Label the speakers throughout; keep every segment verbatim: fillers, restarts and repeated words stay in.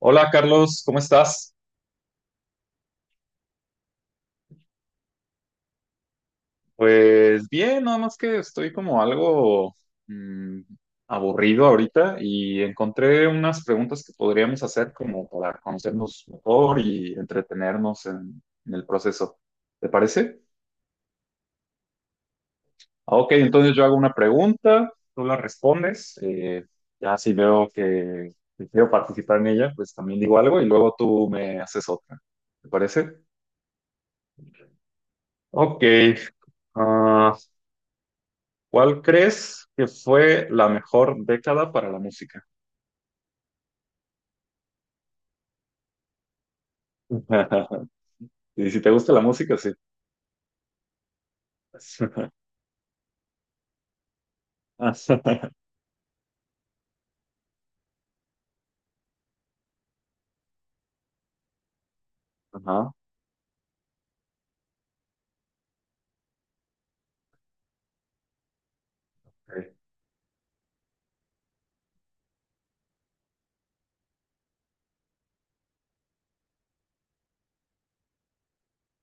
Speaker 1: Hola Carlos, ¿cómo estás? Pues bien, nada más que estoy como algo mm, aburrido ahorita y encontré unas preguntas que podríamos hacer como para conocernos mejor y entretenernos en, en el proceso. ¿Te parece? Ah, ok, entonces yo hago una pregunta, tú la respondes, eh, ya si veo que que quiero participar en ella, pues también digo algo y luego tú me haces otra. ¿Te parece? Ok. ah, ¿Cuál crees que fue la mejor década para la música? Y si te gusta la música, sí. Ajá.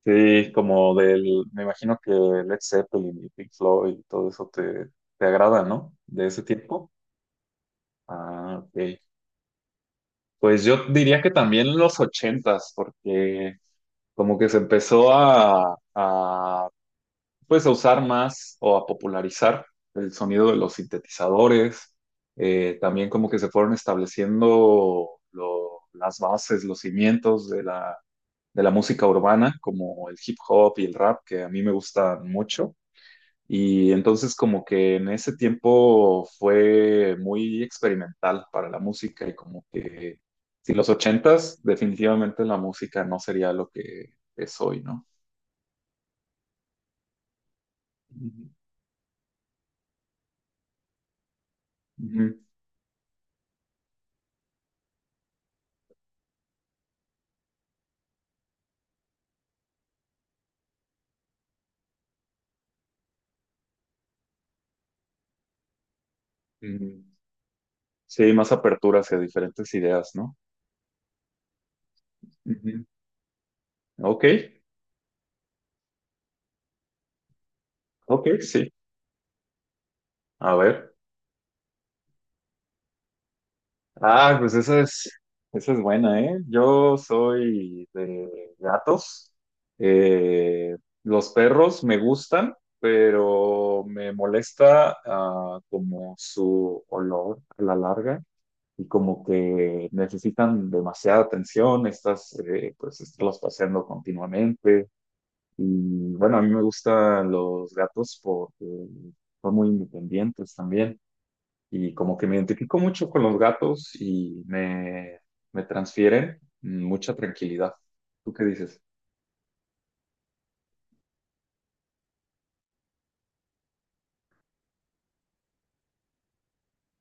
Speaker 1: Sí, como del, me imagino que Led Zeppelin y Pink Floyd y todo eso te, te agrada, ¿no? De ese tiempo. Ah, ok. Pues yo diría que también los ochentas, porque como que se empezó a, a pues a usar más o a popularizar el sonido de los sintetizadores, eh, también como que se fueron estableciendo lo- las bases, los cimientos de la, de la música urbana, como el hip hop y el rap, que a mí me gustan mucho. Y entonces como que en ese tiempo fue muy experimental para la música y como que si los ochentas, definitivamente la música no sería lo que es hoy, ¿no? Ujú, ujú, ujú. Sí, más apertura hacia diferentes ideas, ¿no? Ujú. Ok, ok, sí. A ver. Ah, pues esa es, esa es buena, ¿eh? Yo soy de gatos. Eh, los perros me gustan, pero me molesta ah, como su olor a la larga y como que necesitan demasiada atención, estás, eh, pues, estarlos paseando continuamente. Y bueno, a mí me gustan los gatos porque son muy independientes también. Y como que me identifico mucho con los gatos y me, me transfieren mucha tranquilidad. ¿Tú qué dices?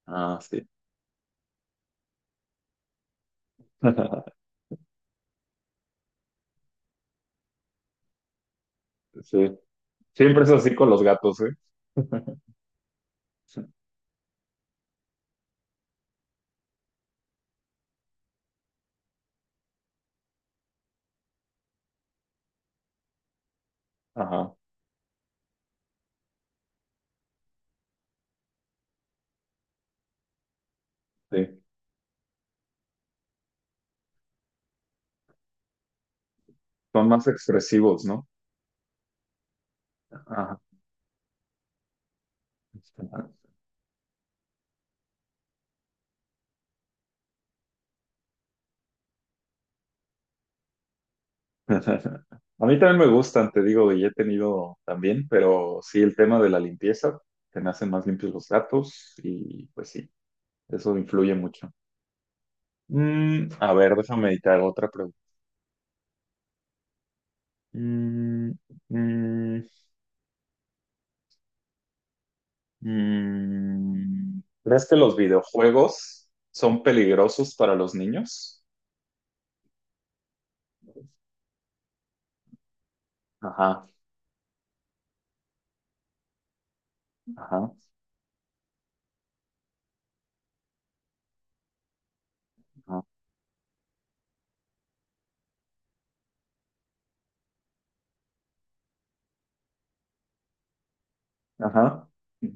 Speaker 1: Ah, sí. Sí. Siempre es así con los gatos, ¿eh? Ajá, sí. Son más expresivos, ¿no? Ajá. A mí también me gustan, te digo, y he tenido también, pero sí el tema de la limpieza, te me hacen más limpios los gatos y pues sí, eso influye mucho. Mm, a ver, déjame meditar otra pregunta. Mm, mm, mm. ¿Crees que los videojuegos son peligrosos para los niños? Ajá, ajá, ajá, ajá.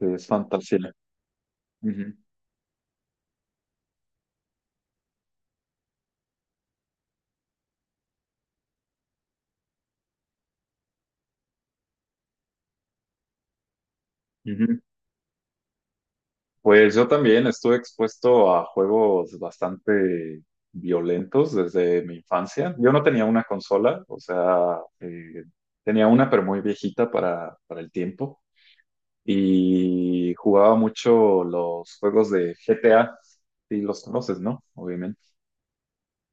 Speaker 1: Es fantasía. Ujú, ujú. Pues yo también estuve expuesto a juegos bastante violentos desde mi infancia. Yo no tenía una consola, o sea, eh, tenía una pero muy viejita para, para el tiempo y jugaba mucho los juegos de G T A, si los conoces, ¿no? Obviamente.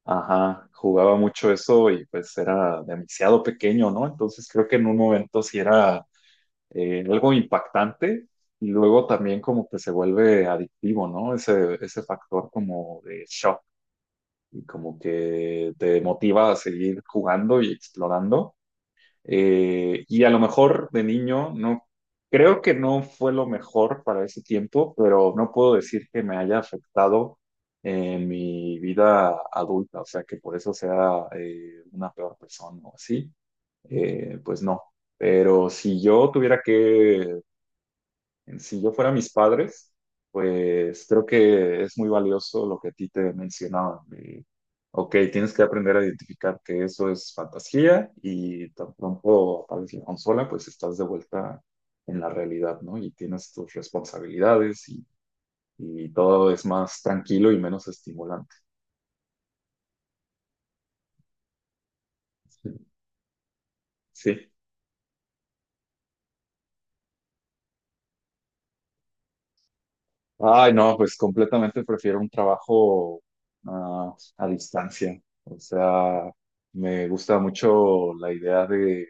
Speaker 1: Ajá, jugaba mucho eso y pues era demasiado pequeño, ¿no? Entonces creo que en un momento sí era eh, algo impactante y luego también como que se vuelve adictivo, ¿no? Ese, ese factor como de shock y como que te motiva a seguir jugando y explorando. Eh, y a lo mejor de niño no, creo que no fue lo mejor para ese tiempo, pero no puedo decir que me haya afectado en mi vida adulta, o sea, que por eso sea eh, una peor persona o así. Eh, pues no. Pero si yo tuviera que si yo fuera mis padres, pues creo que es muy valioso lo que a ti te mencionaba. De, ok, tienes que aprender a identificar que eso es fantasía y tan pronto aparece la consola, pues estás de vuelta en la realidad, ¿no? Y tienes tus responsabilidades y, y todo es más tranquilo y menos estimulante. Sí. Sí. Ay, no, pues completamente prefiero un trabajo ah, a distancia. O sea, me gusta mucho la idea de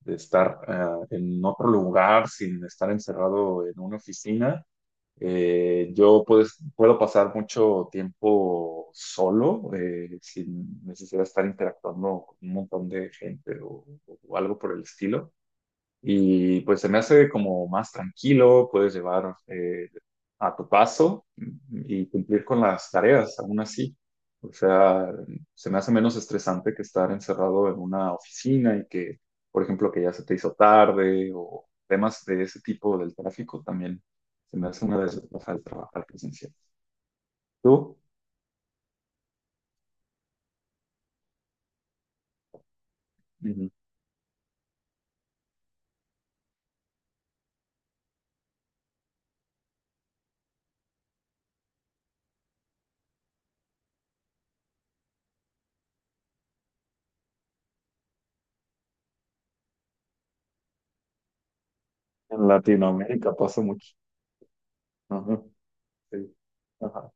Speaker 1: de estar ah, en otro lugar sin estar encerrado en una oficina. Eh, yo pues, puedo pasar mucho tiempo solo, eh, sin necesidad de estar interactuando con un montón de gente o, o algo por el estilo. Y pues se me hace como más tranquilo, puedes llevar eh, a tu paso y cumplir con las tareas, aún así. O sea, se me hace menos estresante que estar encerrado en una oficina y que, por ejemplo, que ya se te hizo tarde o temas de ese tipo del tráfico también. Se me hace una desventaja de trabajar presencial. ¿Tú? Ujú. En Latinoamérica pasa mucho. Ajá, sí. Ajá,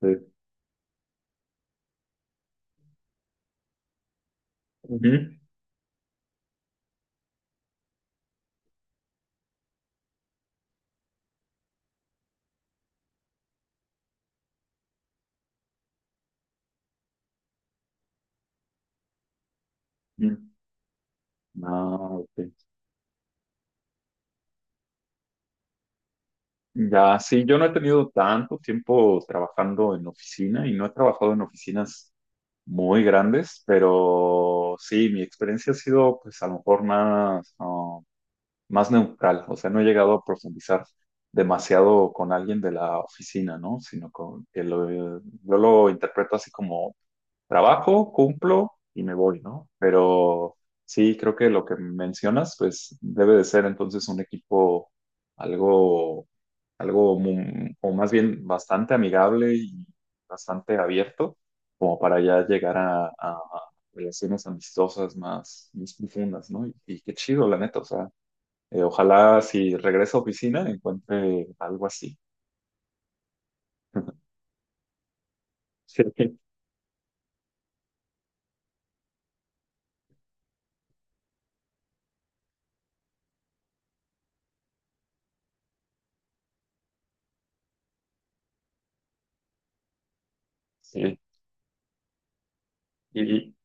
Speaker 1: sí. Ujú. Ujú. Ah, ok. Ya, sí, yo no he tenido tanto tiempo trabajando en oficina y no he trabajado en oficinas muy grandes, pero sí, mi experiencia ha sido pues a lo mejor más, ah, más neutral, o sea, no he llegado a profundizar demasiado con alguien de la oficina, ¿no? Sino con, que lo, yo lo interpreto así como trabajo, cumplo y me voy, ¿no? Pero sí, creo que lo que mencionas, pues debe de ser entonces un equipo algo, algo, mu- o más bien bastante amigable y bastante abierto, como para ya llegar a, a relaciones amistosas más, más profundas, ¿no? Y, y qué chido, la neta, o sea, eh, ojalá si regreso a oficina encuentre algo así. Sí, sí. Y,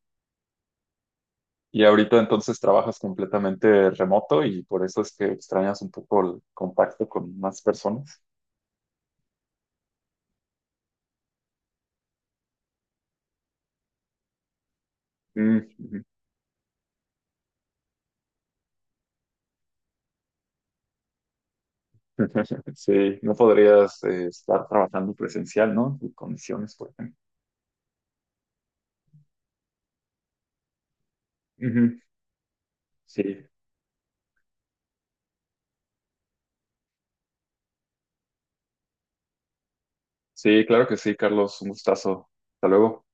Speaker 1: y ahorita entonces trabajas completamente remoto y por eso es que extrañas un poco el contacto con más personas. Mm, ujú. Sí, no podrías eh, estar trabajando presencial, ¿no? En condiciones, por ejemplo. Ujú. Sí, sí, claro que sí, Carlos, un gustazo. Hasta luego.